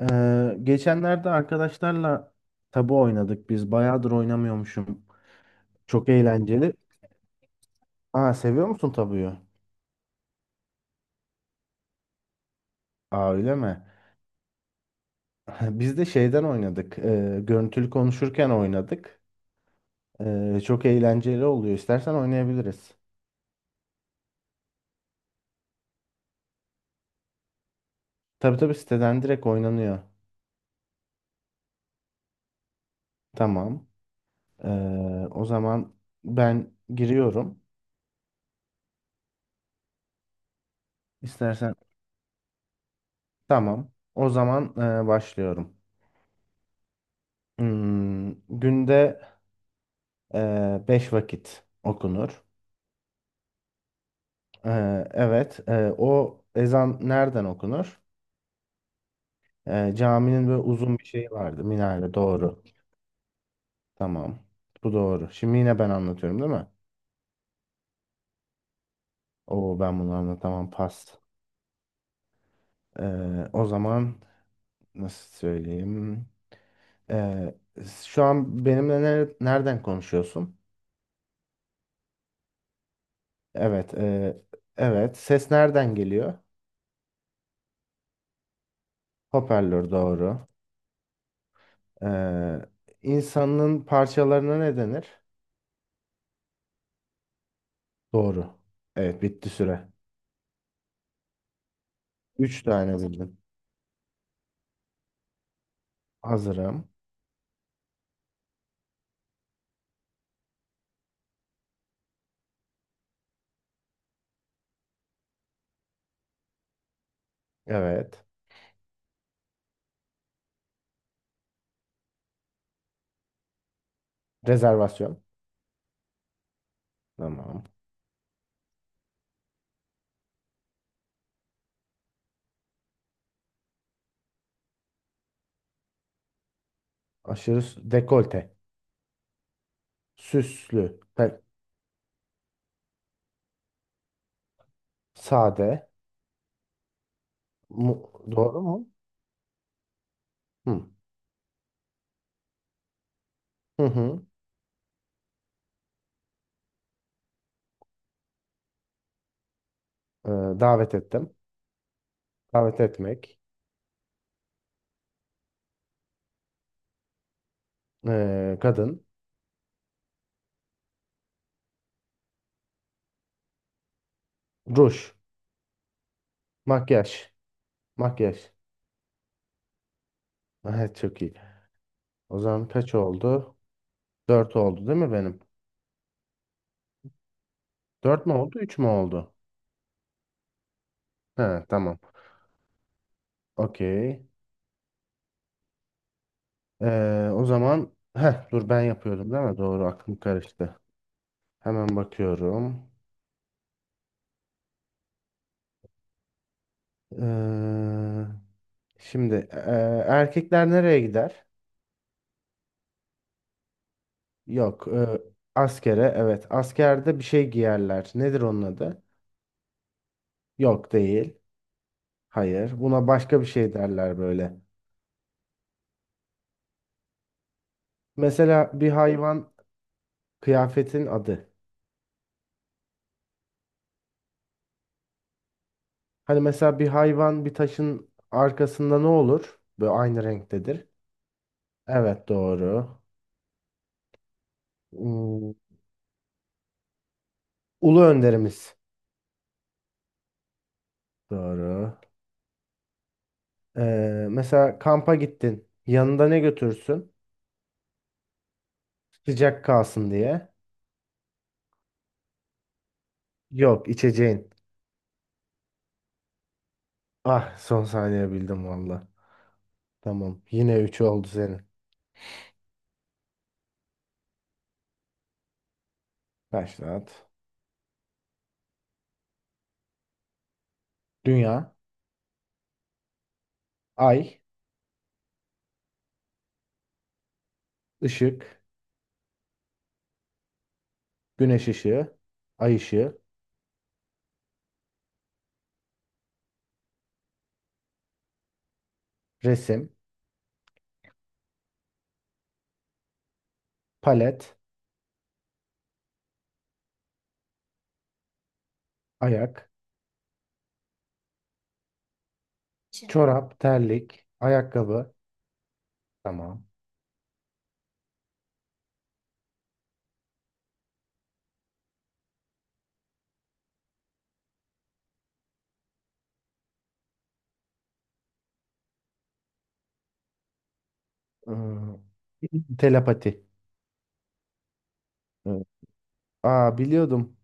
Geçenlerde arkadaşlarla tabu oynadık biz. Bayağıdır oynamıyormuşum. Çok eğlenceli. Aa, seviyor musun tabuyu? Aa, öyle mi? Biz de şeyden oynadık. Görüntülü konuşurken oynadık. Çok eğlenceli oluyor. İstersen oynayabiliriz. Tabii tabii, siteden direkt oynanıyor. Tamam. O zaman ben giriyorum. İstersen tamam. O zaman başlıyorum. Hmm, Günde 5 vakit okunur. Evet, o ezan nereden okunur? Caminin böyle uzun bir şeyi vardı, minare. Doğru. Tamam. Bu doğru. Şimdi yine ben anlatıyorum değil mi? Oo, ben bunu anlatamam. Pas. O zaman nasıl söyleyeyim? Ee, Şu an benimle nereden konuşuyorsun? Evet. Evet. Ses nereden geliyor? Hoparlör doğru. Ee, insanın parçalarına ne denir? Doğru. Evet, bitti süre. Üç tane bildin. Hazırım. Evet. Rezervasyon. Tamam. Dekolte. Süslü. Sade. Doğru mu? Hı. Hı hı. Ee, Davet ettim. Davet etmek. Kadın. Ruj. Makyaj. Makyaj. Evet, çok iyi. O zaman kaç oldu? Dört oldu değil mi benim? Dört mü oldu? Üç mü oldu? He, tamam. Okey. O zaman heh, dur, ben yapıyordum değil mi? Doğru, aklım karıştı. Hemen bakıyorum. Eee, Şimdi erkekler nereye gider? Yok. Askere. Evet. Askerde bir şey giyerler. Nedir onun adı? Yok, değil. Hayır. Buna başka bir şey derler böyle. Mesela bir hayvan kıyafetin adı. Hani mesela bir hayvan bir taşın arkasında ne olur? Böyle aynı renktedir. Evet, doğru. Hmm, Ulu önderimiz. Doğru. Mesela kampa gittin. Yanında ne götürsün? Sıcak kalsın diye. Yok, içeceğin. Ah, son saniye bildim valla. Tamam, yine 3 oldu senin. Başlat. Dünya, ay, ışık, güneş ışığı, ay ışığı, resim, palet, ayak, şey, çorap, terlik, ayakkabı. Tamam. Hmm, Telepati. Evet. Aa, biliyordum.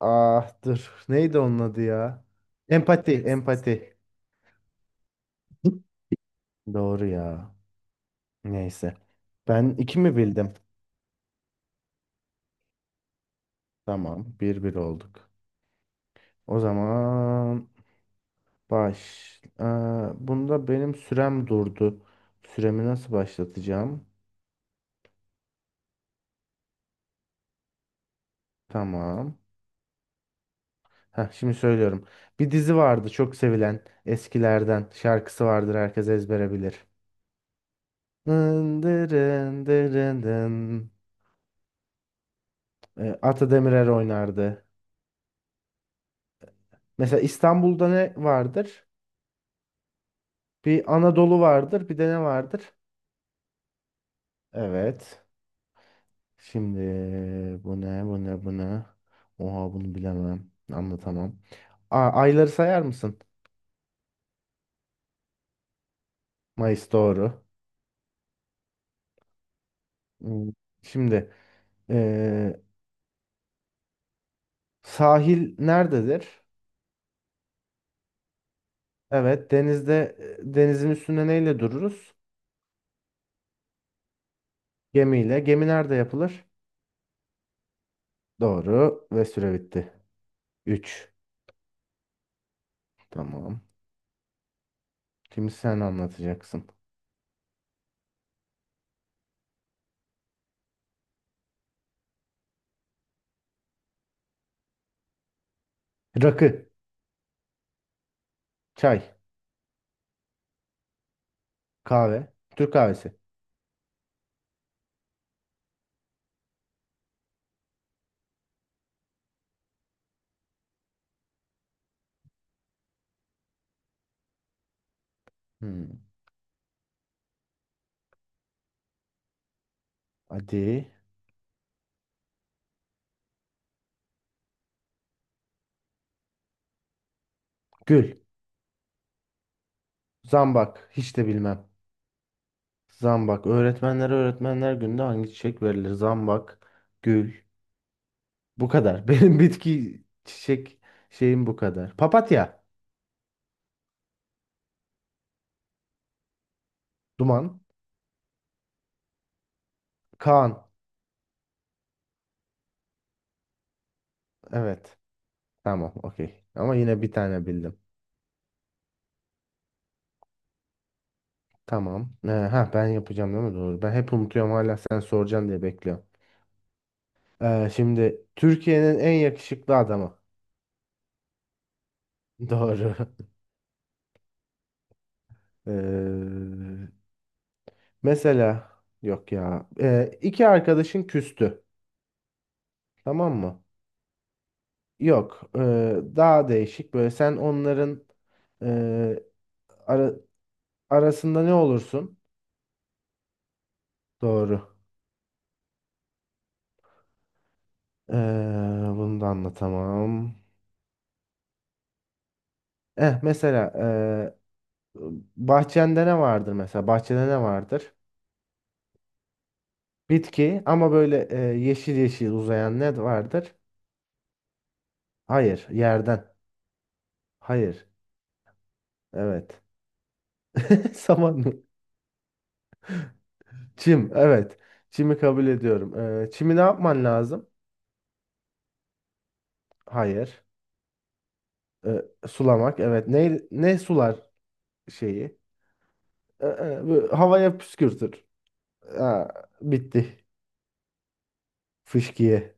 Ah, dur. Neydi onun adı ya? Empati, empati. Doğru ya. Neyse. Ben iki mi bildim? Tamam. Bir bir olduk. O zaman baş. Ee, Bunda benim sürem durdu. Süremi nasıl başlatacağım? Tamam. Heh, şimdi söylüyorum. Bir dizi vardı çok sevilen eskilerden. Şarkısı vardır, herkes ezbere bilir. Dın dırın dırın dın. Ata Demirer oynardı. Mesela İstanbul'da ne vardır? Bir Anadolu vardır, bir de ne vardır? Evet. Şimdi bu ne, bu ne, bu ne? Oha, bunu bilemem. Anlatamam. Ayları sayar mısın? Mayıs doğru. Hmm, Şimdi eee, sahil nerededir? Evet, denizde denizin üstünde neyle dururuz? Gemiyle. Gemi nerede yapılır? Doğru, ve süre bitti. 3. Tamam. Şimdi sen anlatacaksın. Rakı, çay, kahve, Türk kahvesi. Hmm, Hadi. Gül, zambak, hiç de bilmem. Zambak. Öğretmenlere, öğretmenler gününde hangi çiçek verilir? Zambak, gül. Bu kadar. Benim bitki çiçek şeyim bu kadar. Papatya, duman, Kaan. Evet. Tamam, okey. Ama yine bir tane bildim. Tamam. Ha, ben yapacağım değil mi? Doğru. Ben hep unutuyorum, hala sen soracaksın diye bekliyorum. Şimdi Türkiye'nin en yakışıklı adamı. Doğru. Ee, mesela yok ya. İki arkadaşın küstü. Tamam mı? Yok, daha değişik. Böyle sen onların e, ara- arasında ne olursun? Doğru. E, bunu da anlatamam. Eh, mesela bahçende ne vardır mesela? Bahçede ne vardır? Bitki, ama böyle yeşil yeşil uzayan ne vardır? Hayır, yerden. Hayır. Evet. Saman mı? Çim. Evet. Çimi kabul ediyorum. E, çimi ne yapman lazım? Hayır. E, sulamak. Evet. Ne ne sular? Şeyi. Böyle havaya püskürtür. Ha, bitti. Fışkiye.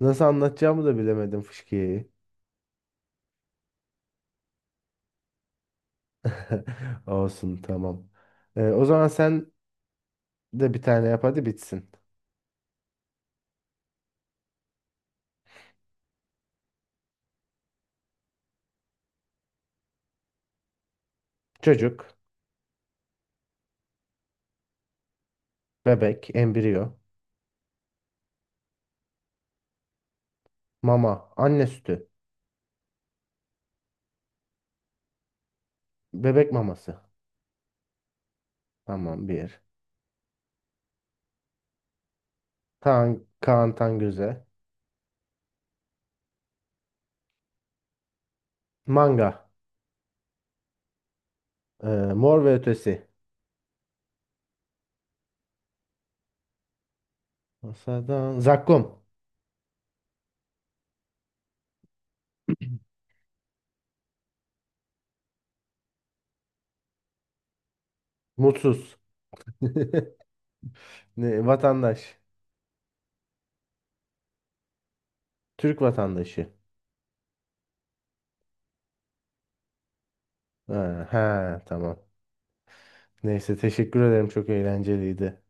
Nasıl anlatacağımı da bilemedim fışkiyeyi. Olsun, tamam. E, o zaman sen de bir tane yap, hadi bitsin. Çocuk, bebek, embriyo, mama, anne sütü, bebek maması. Tamam, bir. Kaan, Kaan Tangöze. Manga. e, Mor ve Ötesi. Masadan. Zakkum. Mutsuz. Ne, vatandaş. Türk vatandaşı. Ha, ha, tamam. Neyse, teşekkür ederim, çok eğlenceliydi.